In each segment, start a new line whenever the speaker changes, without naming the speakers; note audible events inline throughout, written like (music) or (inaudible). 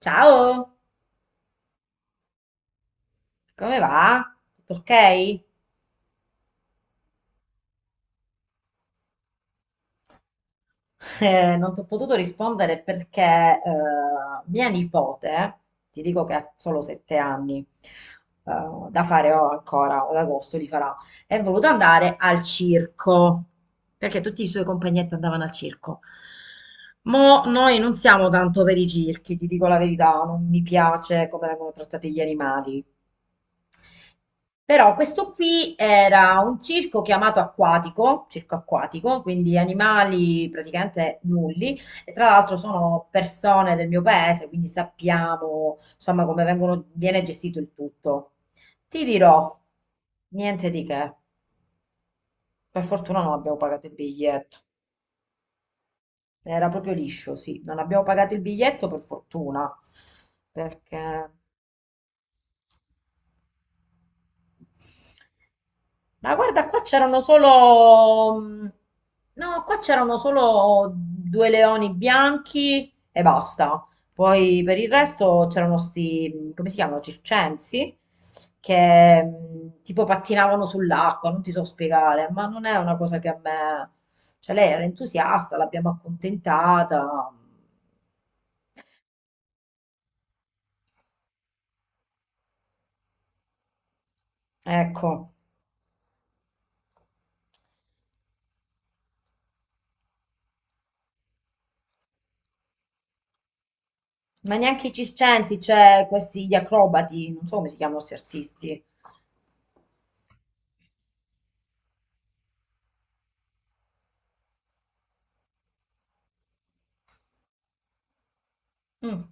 Ciao, come va? Tutto ok? Non ti ho potuto rispondere perché mia nipote, ti dico che ha solo 7 anni, eh, da fare ho ancora, ad agosto li farà, è voluta andare al circo, perché tutti i suoi compagnetti andavano al circo. Mo' noi non siamo tanto per i circhi, ti dico la verità, non mi piace come vengono trattati gli animali. Però questo qui era un circo chiamato acquatico, circo acquatico, quindi animali praticamente nulli, e tra l'altro sono persone del mio paese, quindi sappiamo insomma come viene gestito il tutto. Ti dirò, niente di che, per fortuna non abbiamo pagato il biglietto, era proprio liscio, sì, non abbiamo pagato il biglietto per fortuna, perché Ma guarda, qua c'erano solo... No, qua c'erano solo due leoni bianchi e basta. Poi per il resto c'erano sti, come si chiamano, circensi, che tipo pattinavano sull'acqua, non ti so spiegare, ma non è una cosa che a me... Cioè lei era entusiasta, l'abbiamo accontentata. Ecco, ma neanche i circensi, c'è questi gli acrobati, non so come si chiamano questi artisti. Mm.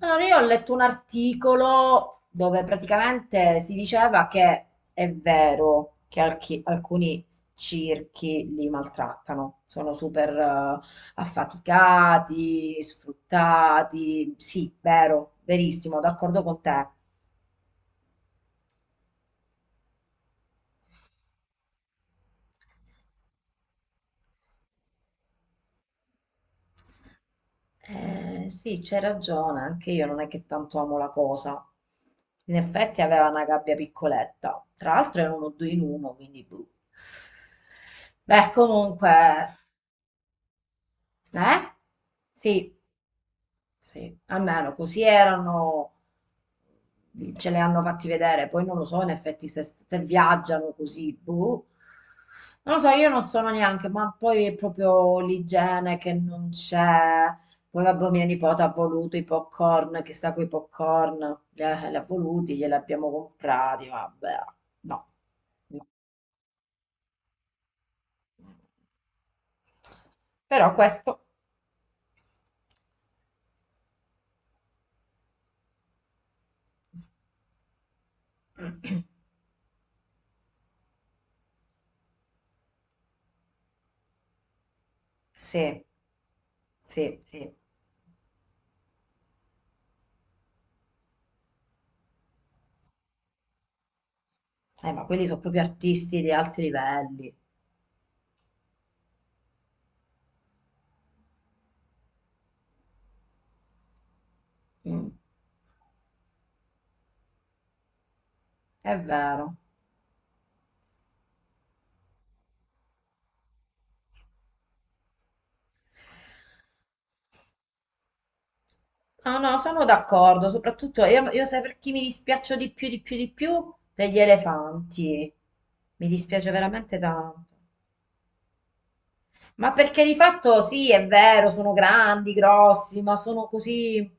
Allora, io ho letto un articolo dove praticamente si diceva che è vero che alcuni circhi li maltrattano, sono super affaticati, sfruttati. Sì, vero, verissimo, d'accordo con te. Sì, c'hai ragione, anche io non è che tanto amo la cosa. In effetti aveva una gabbia piccoletta, tra l'altro era uno due in uno, quindi... boh. Beh, comunque, eh? Sì, sì, almeno così erano, ce le hanno fatti vedere, poi non lo so in effetti se viaggiano così, boh. Non lo so, io non sono neanche, ma poi è proprio l'igiene che non c'è. Poi vabbè, mia nipote ha voluto i popcorn, chissà quei popcorn, li ha voluti, glieli abbiamo comprati, vabbè, no. No. Però questo... (clears throat) Sì, sì, sì. Ma quelli sono proprio artisti di alti livelli. Mm, è vero. No, no, sono d'accordo, soprattutto io sai per chi mi dispiaccio di più, di più, di più? Per gli elefanti. Mi dispiace veramente tanto. Ma perché di fatto sì, è vero, sono grandi, grossi, ma sono così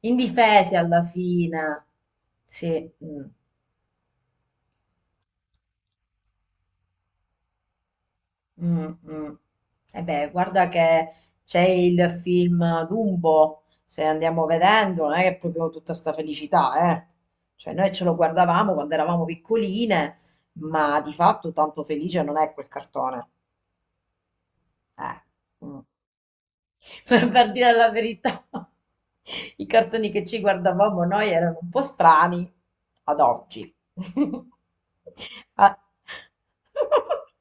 indifesi alla fine. Sì. Mm. Mm, mm. E beh, guarda che c'è il film Dumbo, se andiamo vedendo, non è che è proprio tutta sta felicità, eh. Cioè noi ce lo guardavamo quando eravamo piccoline, ma di fatto tanto felice non è quel cartone. Eh. Mm. (laughs) Per dire la verità, i cartoni che ci guardavamo noi erano un po' strani ad oggi. (laughs) Ah. (laughs)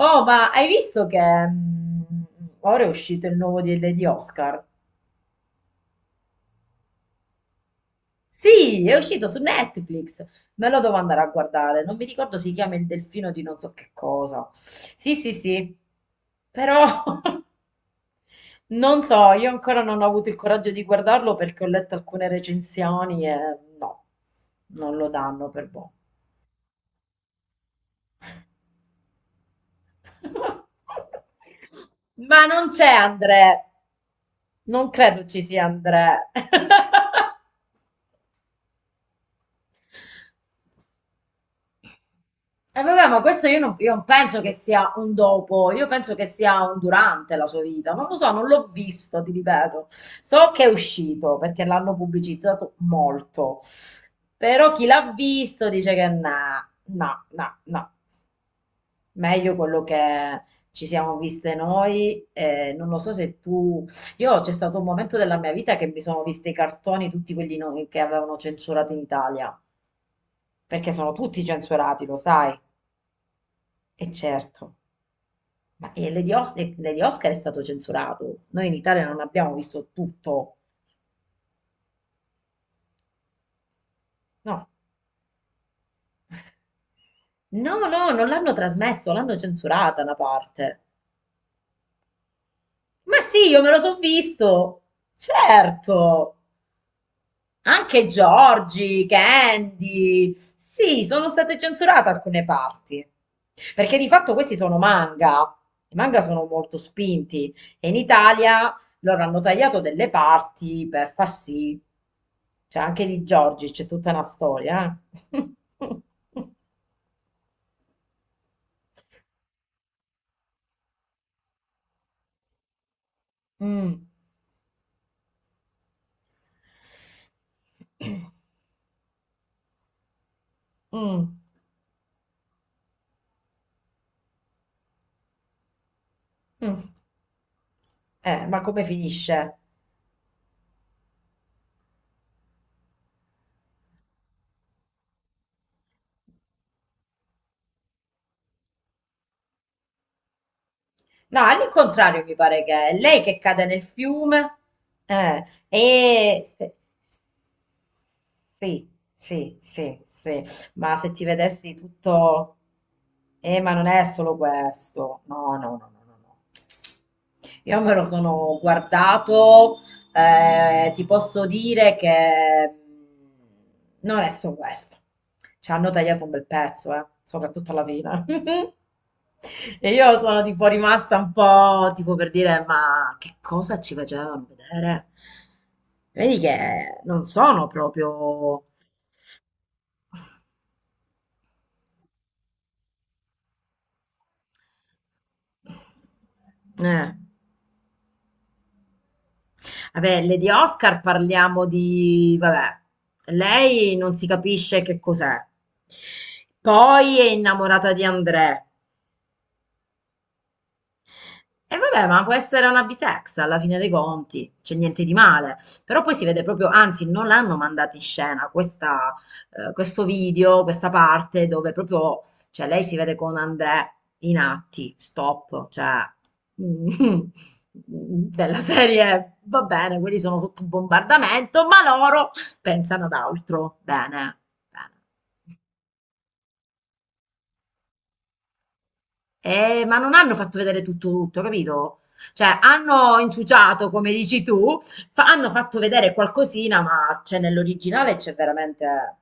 Oh, ma hai visto che mm, ora è uscito il nuovo di Oscar? Sì, è uscito su Netflix. Me lo devo andare a guardare. Non mi ricordo, si chiama Il Delfino di non so che cosa. Sì, sì, sì. Però (laughs) non so, io ancora non ho avuto il coraggio di guardarlo perché ho letto alcune recensioni e no, non lo danno per boh. (laughs) Ma non c'è Andrea. Non credo ci sia Andrea. (laughs) E vabbè, ma questo io non penso che sia un dopo, io penso che sia un durante la sua vita. Non lo so, non l'ho visto, ti ripeto. So che è uscito perché l'hanno pubblicizzato molto. Però chi l'ha visto dice che no, no, no, no. Meglio quello che ci siamo viste noi. Non lo so se tu... Io c'è stato un momento della mia vita che mi sono viste i cartoni, tutti quelli che avevano censurato in Italia, perché sono tutti censurati, lo sai. E certo. Ma Lady Oscar è stato censurato. Noi in Italia non abbiamo visto tutto. No, no, no, non l'hanno trasmesso, l'hanno censurata una parte. Ma sì, io me lo so visto. Certo. Anche Giorgi, Candy. Sì, sono state censurate alcune parti. Perché di fatto questi sono manga. I manga sono molto spinti e in Italia loro hanno tagliato delle parti per far sì. Cioè, anche di Giorgi c'è tutta una storia. Eh. (laughs) Mm. Mm. Mm. Ma come finisce? No, all'incontrario mi pare che è lei che cade nel fiume. E sì, sì, sì, sì, ma se ti vedessi tutto... Ma non è solo questo. No, no, no, no, no. No. Io me lo sono guardato, ti posso dire che non è solo questo. Ci hanno tagliato un bel pezzo, soprattutto alla fine. (laughs) E io sono tipo rimasta un po' tipo per dire, ma che cosa ci facevano vedere? Vedi che non sono proprio... Eh. Vabbè, Lady Oscar parliamo di... Vabbè, lei non si capisce che cos'è. Poi è innamorata di André. E vabbè, ma può essere una bisex alla fine dei conti, c'è niente di male. Però poi si vede proprio, anzi, non l'hanno mandata in scena questa, questo video, questa parte dove proprio, cioè lei si vede con André in atti, stop, cioè mm, (laughs) della serie va bene, quelli sono sotto bombardamento, ma loro pensano ad altro. Bene, bene. Ma non hanno fatto vedere tutto, tutto, capito? Cioè, hanno inciuciato, come dici tu, hanno fatto vedere qualcosina, ma c'è nell'originale c'è veramente...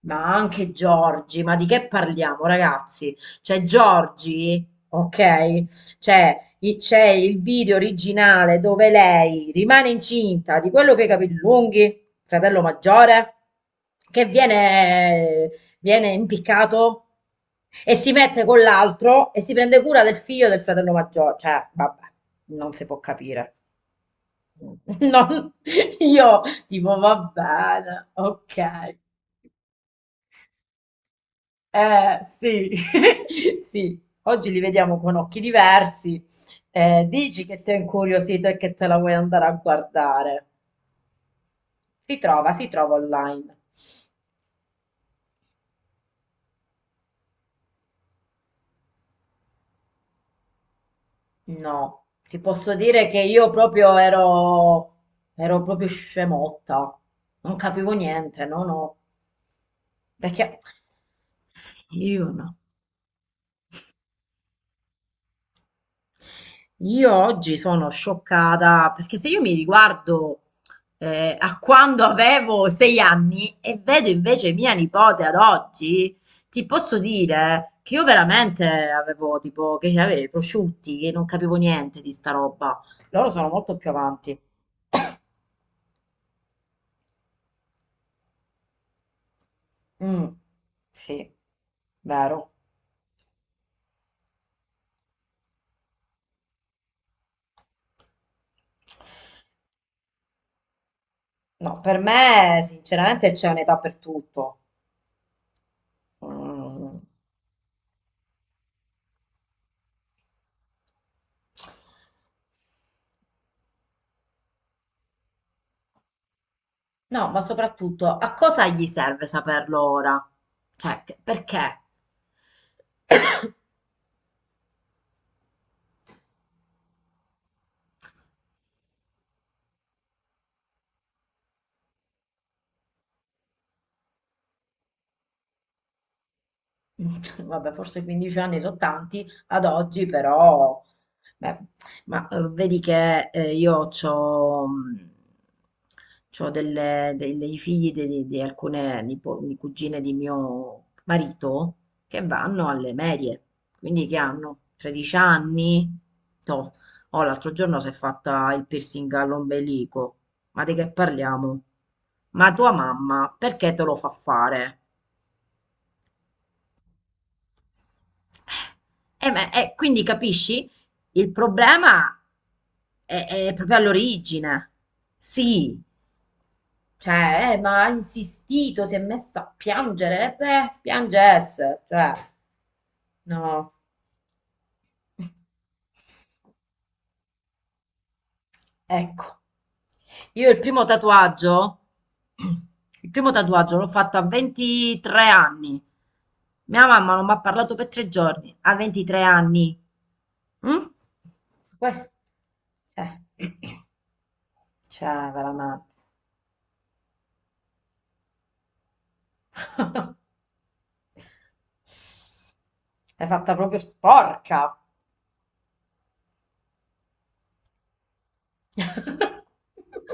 Ma anche Giorgi, ma di che parliamo, ragazzi? Cioè, Giorgi, ok? Cioè, c'è il video originale dove lei rimane incinta di quello che i capelli lunghi, fratello maggiore, che viene impiccato e si mette con l'altro e si prende cura del figlio del fratello maggiore. Cioè, vabbè, non si può capire. (laughs) Non- io, tipo, va bene, ok. Sì, (laughs) sì, oggi li vediamo con occhi diversi. Dici che ti è incuriosito e che te la vuoi andare a guardare. Si trova online. No, ti posso dire che io proprio ero proprio scemotta. Non capivo niente, no, no. Perché io no. Io oggi sono scioccata perché se io mi riguardo a quando avevo 6 anni e vedo invece mia nipote ad oggi, ti posso dire che io veramente avevo tipo che avevo i prosciutti, che non capivo niente di sta roba. Loro sono molto più avanti. Mm, sì, vero. No, per me sinceramente c'è un'età per tutto. Mm. No, ma soprattutto a cosa gli serve saperlo ora? Cioè, perché? (laughs) Vabbè, forse 15 anni sono tanti ad oggi, però, beh, ma vedi che io ho dei figli di alcune di cugine di mio marito che vanno alle medie, quindi che hanno 13 anni. Toh. Oh, l'altro giorno si è fatta il piercing all'ombelico, ma di che parliamo? Ma tua mamma perché te lo fa fare? Ma, quindi capisci? Il problema è proprio all'origine. Sì, cioè, ma ha insistito, si è messa a piangere, beh, piange esse, cioè, no. (laughs) Ecco, io il primo tatuaggio, (clears throat) il primo tatuaggio l'ho fatto a 23 anni. Mia mamma non mi ha parlato per 3 giorni, a 23 anni. Mm? Que- cioè. (clears throat) Cioè, veramente. (laughs) È fatta proprio sporca. (laughs)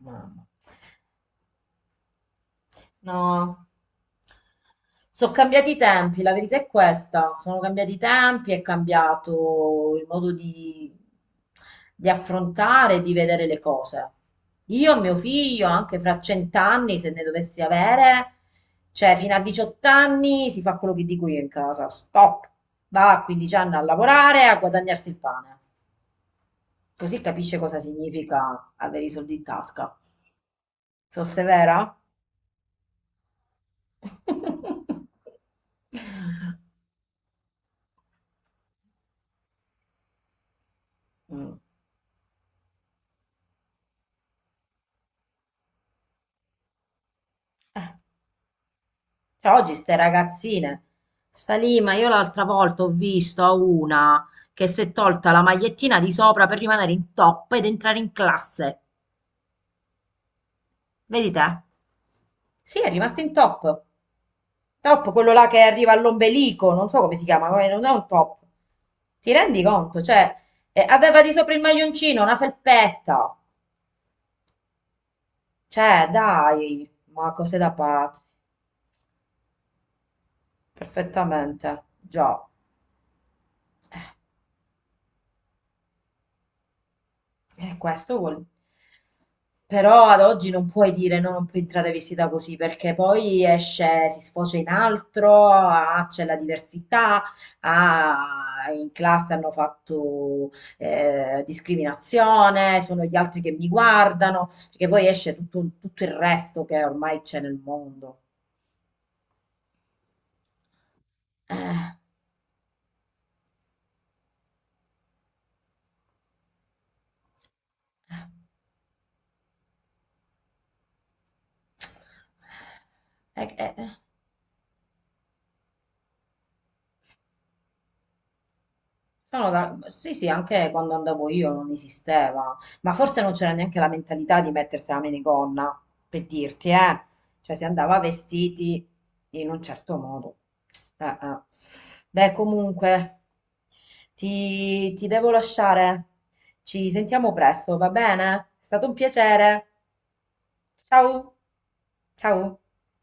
Mamma. No. Sono cambiati i tempi, la verità è questa. Sono cambiati i tempi, è cambiato il modo di affrontare, di vedere le cose. Io e mio figlio, anche fra 100 anni, se ne dovessi avere, cioè fino a 18 anni si fa quello che dico io in casa. Stop! Va a 15 anni a lavorare, a guadagnarsi il pane. Così capisce cosa significa avere i soldi in tasca. Sono severa? Mh. Cioè oggi ste ragazzine, sta lì, ma io l'altra volta ho visto a una che si è tolta la magliettina di sopra per rimanere in top ed entrare in classe. Vedi te? Sì, è rimasta in top. Top, quello là che arriva all'ombelico, non so come si chiama, non è un top. Ti rendi conto? Cioè, aveva di sopra il maglioncino, una felpetta. Cioè, dai, ma cose da pazzi. Perfettamente già. Eh eh, questo vuol però ad oggi non puoi dire no, non puoi entrare vestita così perché poi esce, si sfocia in altro, ah, c'è la diversità, ah, in classe hanno fatto discriminazione, sono gli altri che mi guardano, perché poi esce tutto, tutto il resto che ormai c'è nel mondo. Eh, eh, eh, eh. eh. Sì, sì, anche quando andavo io non esisteva, ma forse non c'era neanche la mentalità di mettersi la minigonna, per dirti, eh. Cioè si andava vestiti in un certo modo. Eh, eh. Beh, comunque, ti devo lasciare. Ci sentiamo presto, va bene? È stato un piacere. Ciao. Ciao.